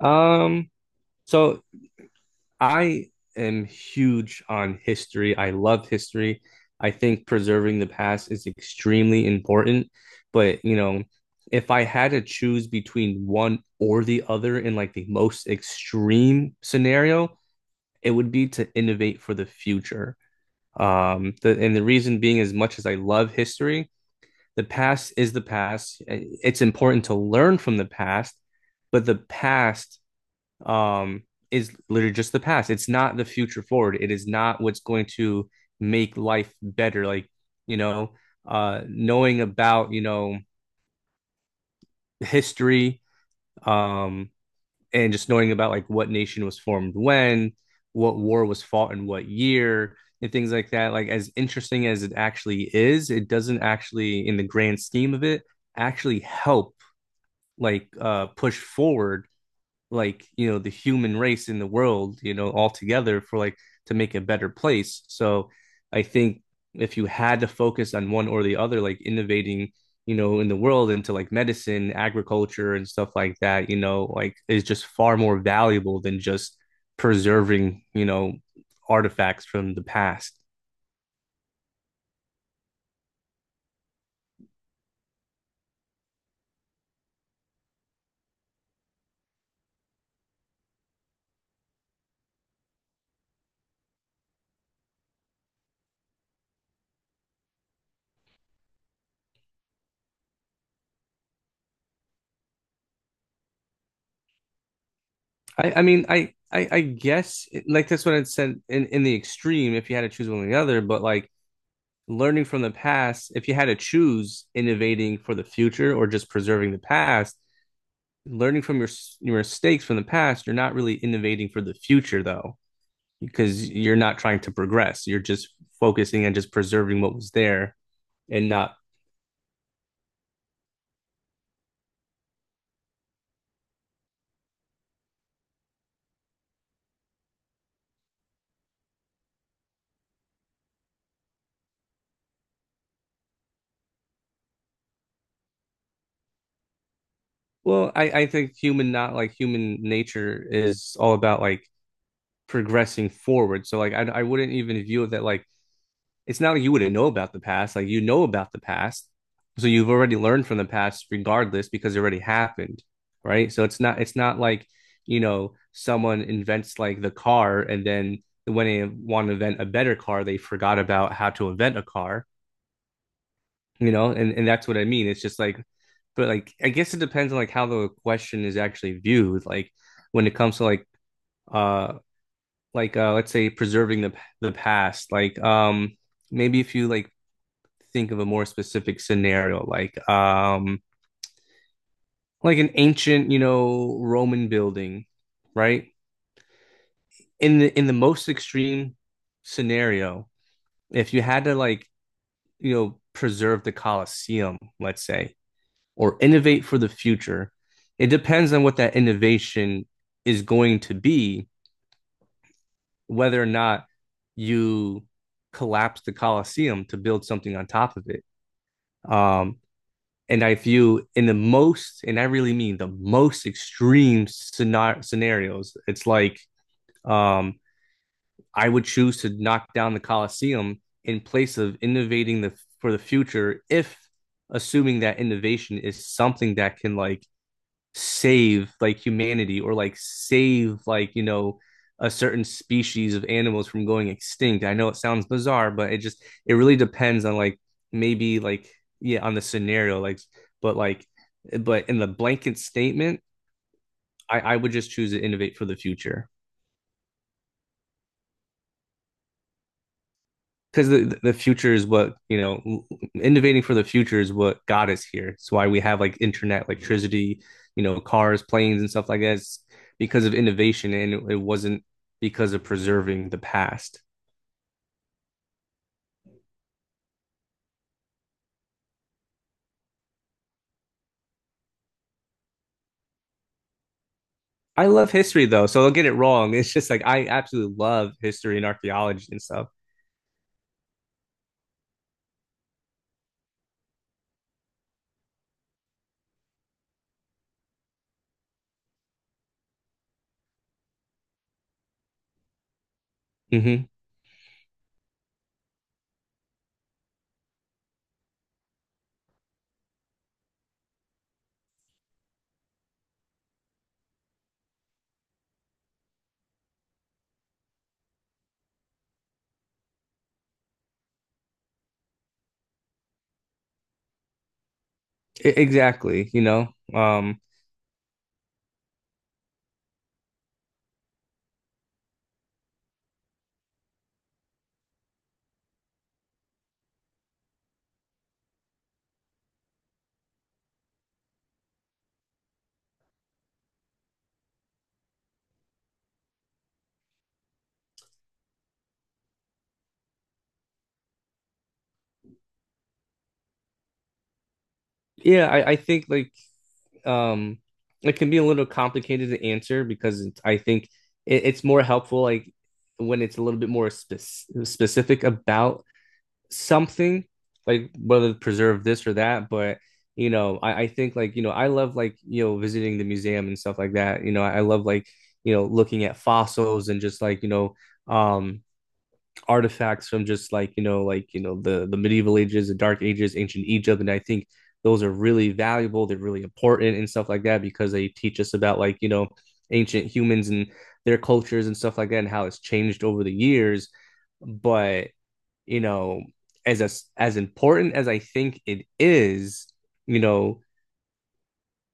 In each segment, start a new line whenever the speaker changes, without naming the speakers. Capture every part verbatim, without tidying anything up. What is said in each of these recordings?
Um, so I am huge on history. I love history. I think preserving the past is extremely important. But, you know, if I had to choose between one or the other in like the most extreme scenario, it would be to innovate for the future. Um, the, and the reason being, as much as I love history, the past is the past. It's important to learn from the past, but the past um, is literally just the past. It's not the future forward. It is not what's going to make life better. Like, you know, uh, knowing about, you know, history, um, and just knowing about like what nation was formed when, what war was fought in what year, and things like that. Like, as interesting as it actually is, it doesn't actually, in the grand scheme of it, actually help like uh push forward like you know the human race in the world, you know, all together for like to make a better place. So I think if you had to focus on one or the other, like innovating, you know, in the world into like medicine, agriculture and stuff like that, you know, like is just far more valuable than just preserving, you know, artifacts from the past. I i mean i i, i, guess like that's what it said in in the extreme, if you had to choose one or the other, but like learning from the past, if you had to choose innovating for the future or just preserving the past, learning from your your mistakes from the past, you're not really innovating for the future though, because you're not trying to progress. You're just focusing on just preserving what was there and not. Well, I, I think human, not like human nature is all about like progressing forward. So like I I wouldn't even view it that like it's not like you wouldn't know about the past. Like you know about the past. So you've already learned from the past regardless because it already happened. Right. So it's not it's not like, you know, someone invents like the car and then when they want to invent a better car, they forgot about how to invent a car, you know, and, and that's what I mean. It's just like, but like I guess it depends on like how the question is actually viewed. Like when it comes to like uh like uh let's say preserving the the past, like um maybe if you like think of a more specific scenario, like um, like an ancient, you know, Roman building, right? In the in the most extreme scenario, if you had to like, you know, preserve the Colosseum, let's say, or innovate for the future, it depends on what that innovation is going to be, whether or not you collapse the Colosseum to build something on top of it. Um, and I view in the most, and I really mean the most extreme scenar- scenarios, it's like um, I would choose to knock down the Colosseum in place of innovating the for the future if, assuming that innovation is something that can like save like humanity or like save, like, you know, a certain species of animals from going extinct. I know it sounds bizarre, but it just it really depends on like maybe like, yeah, on the scenario. Like, but like, but in the blanket statement, I I would just choose to innovate for the future. Because the the future is what, you know, innovating for the future is what got us here. It's why we have like internet, electricity, you know, cars, planes and stuff like that. It's because of innovation, and it, it wasn't because of preserving the past. I love history though, so don't get it wrong. It's just like I absolutely love history and archaeology and stuff. Hmm exactly, you know. um yeah, I, I think like um it can be a little complicated to answer, because it's, I think it, it's more helpful like when it's a little bit more spe- specific about something, like whether to preserve this or that. But, you know, I, I think like, you know, I love like, you know, visiting the museum and stuff like that, you know, i I love like, you know, looking at fossils and just like, you know, um artifacts from, just like, you know, like, you know, the the medieval ages, the dark ages, ancient Egypt. And I think those are really valuable. They're really important and stuff like that, because they teach us about, like, you know, ancient humans and their cultures and stuff like that, and how it's changed over the years. But, you know, as as, as important as I think it is, you know,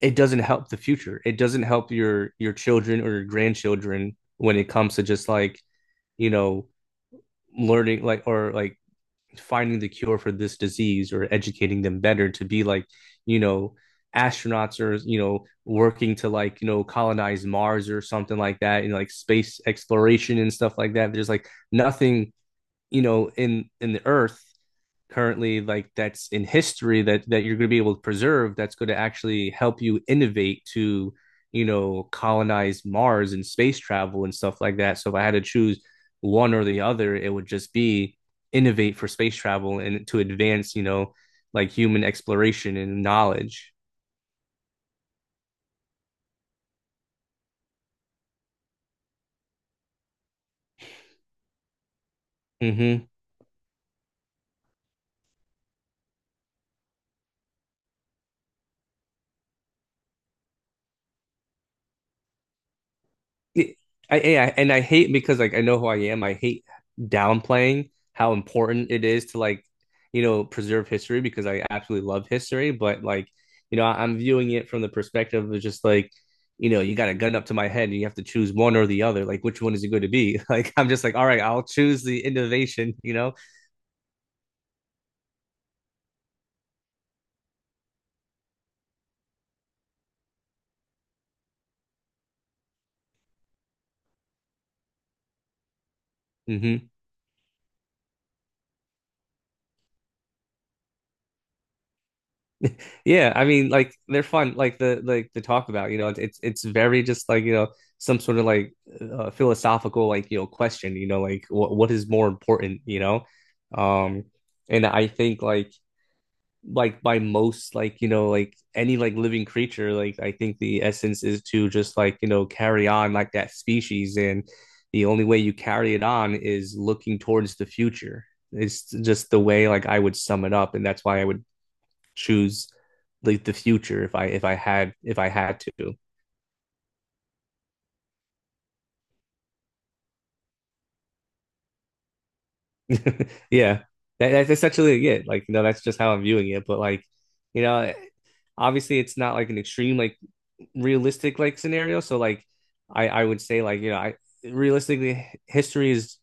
it doesn't help the future. It doesn't help your your children or your grandchildren when it comes to just like, you know, learning like or like finding the cure for this disease, or educating them better to be like, you know, astronauts or, you know, working to like, you know, colonize Mars or something like that. You know, like space exploration and stuff like that. There's like nothing, you know, in in the earth currently, like that's in history, that that you're going to be able to preserve, that's going to actually help you innovate to, you know, colonize Mars and space travel and stuff like that. So if I had to choose one or the other, it would just be innovate for space travel and to advance, you know, like human exploration and knowledge. Mm-hmm. It, I, I and I hate, because like I know who I am. I hate downplaying how important it is to like, you know, preserve history, because I absolutely love history. But like, you know, I am viewing it from the perspective of just like, you know, you got a gun up to my head and you have to choose one or the other. Like, which one is it going to be? Like, I'm just like, all right, I'll choose the innovation. You know. Hmm. Yeah, I mean, like they're fun, like the like the talk about, you know, it's it's very just like, you know, some sort of like uh, philosophical like, you know, question, you know, like what what is more important, you know, um, and I think like like by most like, you know, like any like living creature, like I think the essence is to just like, you know, carry on like that species. And the only way you carry it on is looking towards the future. It's just the way like I would sum it up, and that's why I would choose like the future if I if I had if I had to. Yeah. That, that's essentially it. Like, you know, that's just how I'm viewing it. But like, you know, obviously it's not like an extreme like realistic like scenario. So like I I would say like, you know, I realistically history is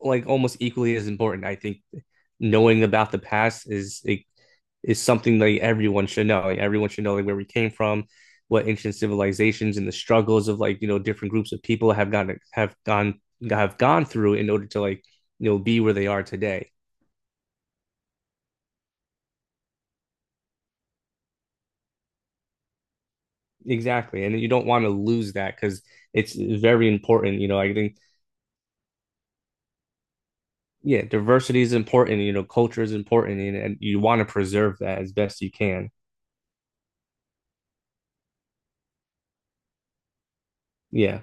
like almost equally as important. I think knowing about the past is, it is something that everyone should know. Like, everyone should know like where we came from, what ancient civilizations and the struggles of like, you know, different groups of people have gotten have gone have gone through in order to like, you know, be where they are today. Exactly, and you don't want to lose that because it's very important. You know, I think, yeah, diversity is important. You know, culture is important, and, and you want to preserve that as best you can. Yeah,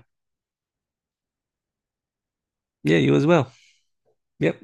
yeah, you as well. Yep. Bye.